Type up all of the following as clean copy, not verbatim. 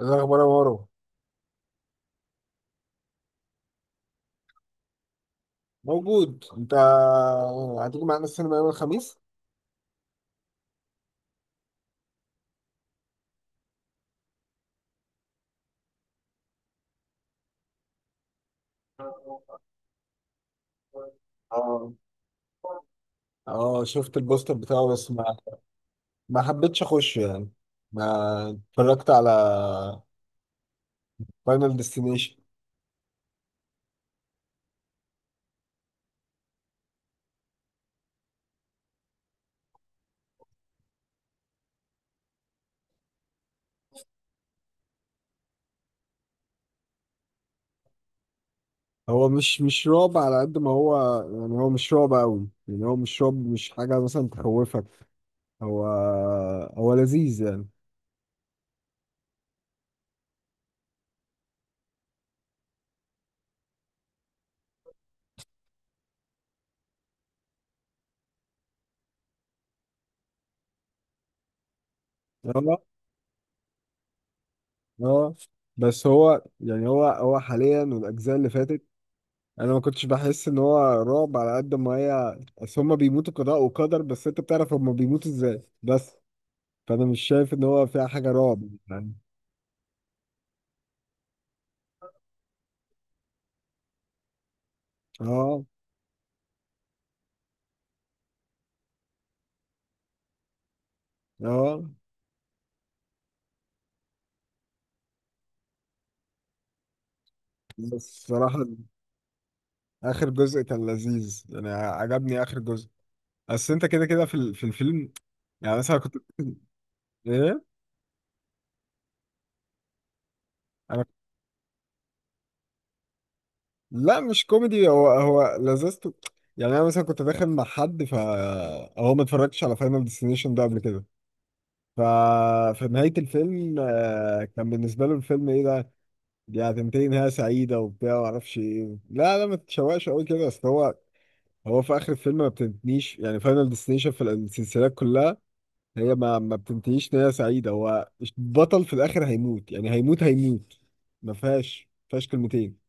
إيه الاخبار يا مارو؟ موجود انت؟ هتيجي معانا السينما يوم الخميس؟ اه، اه، شفت البوستر بتاعه بس ما حبيتش اخش يعني. ما اتفرجت على فاينل ديستنيشن. هو مش رعب على قد ما هو، يعني هو مش رعب قوي، يعني هو مش رعب، مش حاجة مثلا تخوفك. هو هو لذيذ يعني. اه، اه، بس هو يعني هو حاليا والاجزاء اللي فاتت. انا ما كنتش بحس ان هو رعب على قد ما هي، بس هما بيموتوا قضاء وقدر، بس انت بتعرف هما بيموتوا ازاي بس. فانا مش شايف ان هو فيها حاجه رعب، يعني. اه، اه، بس صراحه اخر جزء كان لذيذ يعني، عجبني اخر جزء. بس انت كده كده في الفيلم، يعني مثلا كنت. ايه؟ انا لا، مش كوميدي، هو لذته يعني. انا مثلا كنت داخل مع حد فهو ما اتفرجتش على فاينل ديستنيشن ده قبل كده. ف... في نهاية الفيلم، كان بالنسبة له الفيلم ايه ده؟ دي هتنتهي نهاية سعيدة وبتاع ومعرفش ايه، لا لا، ما تتشوقش قوي كده اصل هو. هو في آخر الفيلم ما بتنتهيش يعني، فاينل ديستنيشن في السلسلات كلها هي ما بتنتهيش نهاية سعيدة. هو البطل في الآخر هيموت، يعني هيموت هيموت. ما فيهاش كلمتين.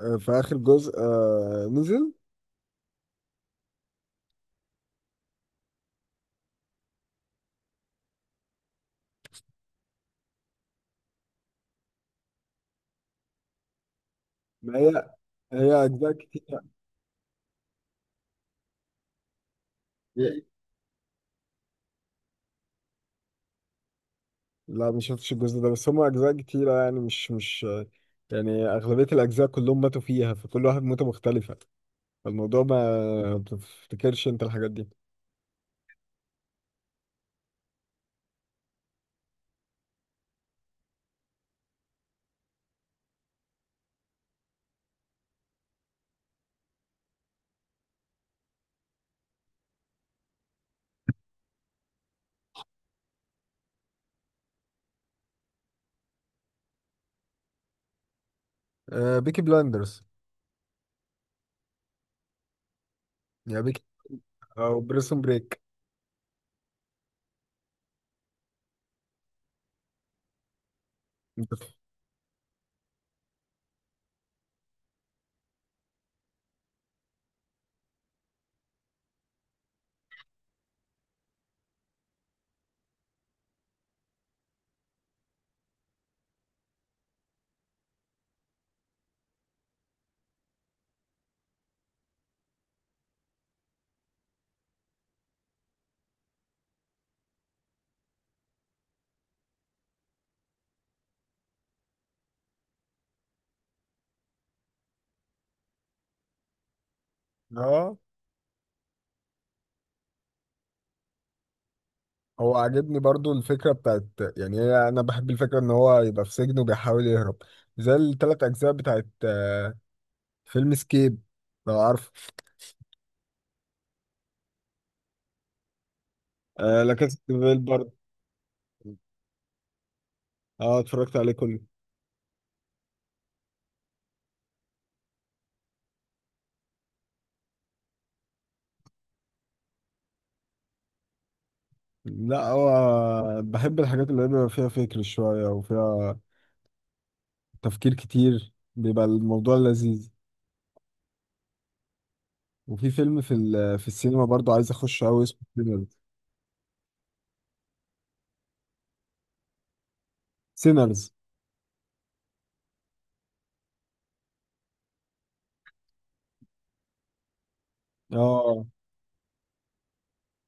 في آخر جزء نزل. ما هي هي أجزاء كتير. لا، ما شفتش الجزء ده، بس هم اجزاء كتيره يعني مش مش يعني اغلبيه الاجزاء كلهم ماتوا فيها، فكل واحد موته مختلفه، فالموضوع ما بتفتكرش انت الحاجات دي. آه، بيكي بلاندرز، يا بيكي، او بريسون بريك. انت اه. هو عاجبني برضو الفكره بتاعت، يعني هي انا بحب الفكره ان هو يبقى في سجن وبيحاول يهرب، زي الثلاث اجزاء بتاعت فيلم سكيب، لو عارف. آه، لا كاسا دي بيل برضه. اه، اتفرجت عليه كله. لا، هو بحب الحاجات اللي بيبقى فيها فكر شوية وفيها تفكير كتير، بيبقى الموضوع لذيذ. وفي فيلم في السينما برضو عايز اخش قوي اسمه سينرز. سينرز. اه،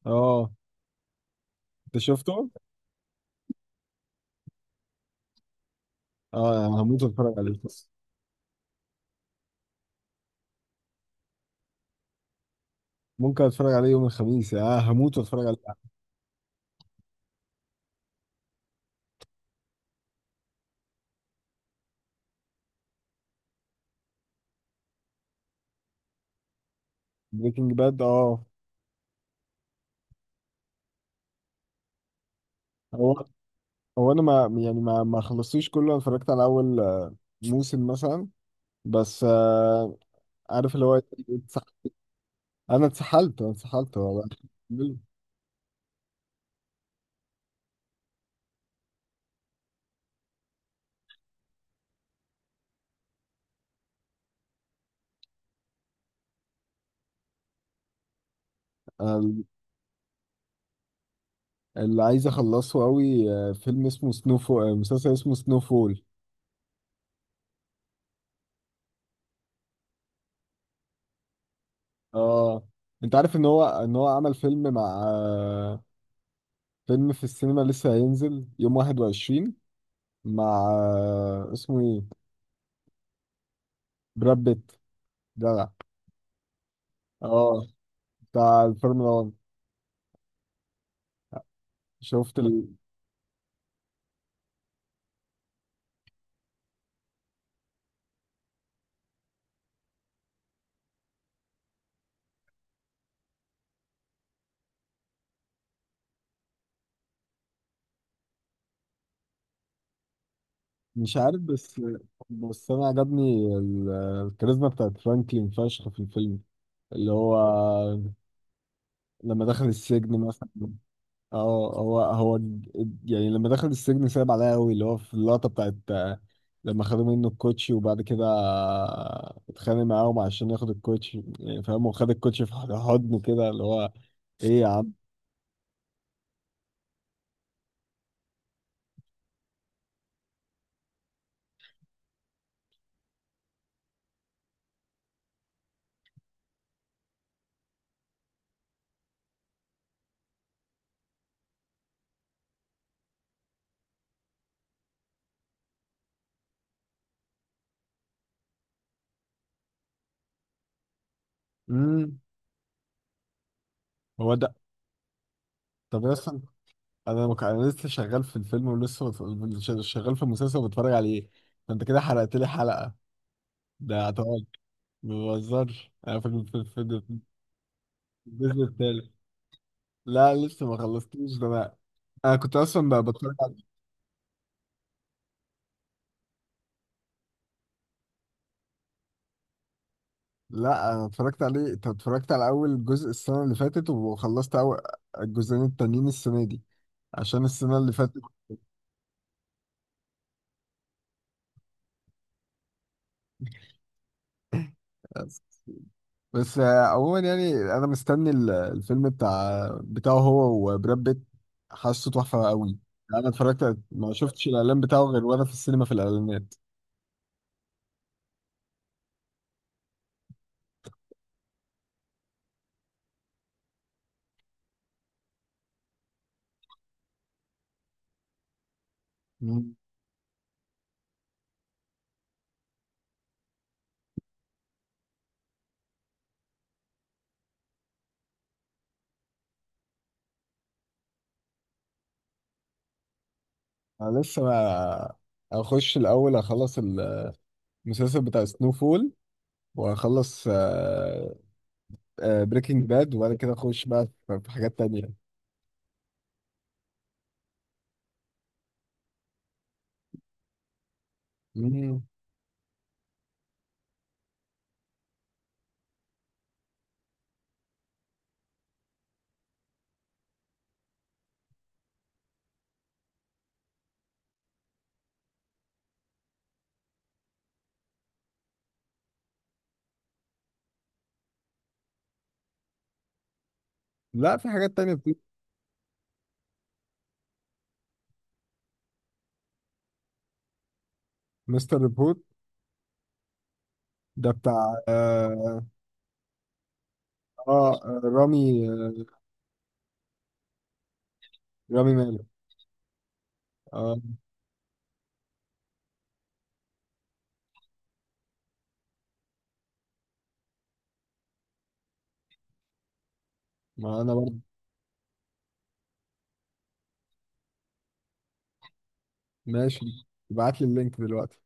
اه، انت شفته؟ اه، أنا هموت واتفرج عليه. ممكن اتفرج عليه يوم الخميس، اه هموت واتفرج عليه. بريكنج باد، اه. هو هو انا ما يعني ما خلصتوش كله. أنا اتفرجت على اول موسم مثلا. بس عارف اللي هو. انا اتسحلت انا اتسحلت والله. أنا اللي عايز اخلصه قوي فيلم اسمه سنو فول، مسلسل اسمه سنو فول. اه، انت عارف ان هو عمل فيلم مع، فيلم في السينما لسه هينزل يوم 21، مع اسمه ايه. براد بيت. جدع. اه، بتاع الفورمولا 1. شفت ال... مش عارف بس. بس انا عجبني الكاريزما بتاعت فرانكلين فشخ في الفيلم، اللي هو لما دخل السجن مثلا. اه، هو يعني لما دخل السجن، صعب عليا قوي اللي هو في اللقطه بتاعت، لما خدوا منه الكوتشي وبعد كده اتخانق معاهم عشان ياخد الكوتشي، يعني فاهم، وخد الكوتشي في حضنه كده اللي هو. ايه يا عم؟ امم هو ده. طب اصلا، انا لسه شغال في الفيلم ولسه شغال في المسلسل وبتفرج عليه، فانت كده حرقت لي حلقه، ده اعتقد. ما بهزرش، انا في الجزء التالت. لا، لسه ما خلصتوش، ده انا انا كنت اصلا بتفرج. لا، انا اتفرجت عليه. انت اتفرجت على اول جزء السنه اللي فاتت وخلصت اول الجزئين التانيين السنه دي، عشان السنه اللي فاتت. بس عموما يعني انا مستني الفيلم بتاعه هو وبراد بيت. حاسه تحفه قوي. انا اتفرجت ما شفتش الاعلان بتاعه غير وانا في السينما في الاعلانات. مم. انا لسه ما اخش الاول، اخلص المسلسل بتاع سنو فول، واخلص بريكنج باد، وبعد كده اخش بقى في حاجات تانية. مم. لا، في حاجات تانية بتيجي. مستر ريبورت، ده بتاع. اه، آه، آه، رامي مالك. اه. ما انا برضه. ماشي، ابعت لي اللينك دلوقتي.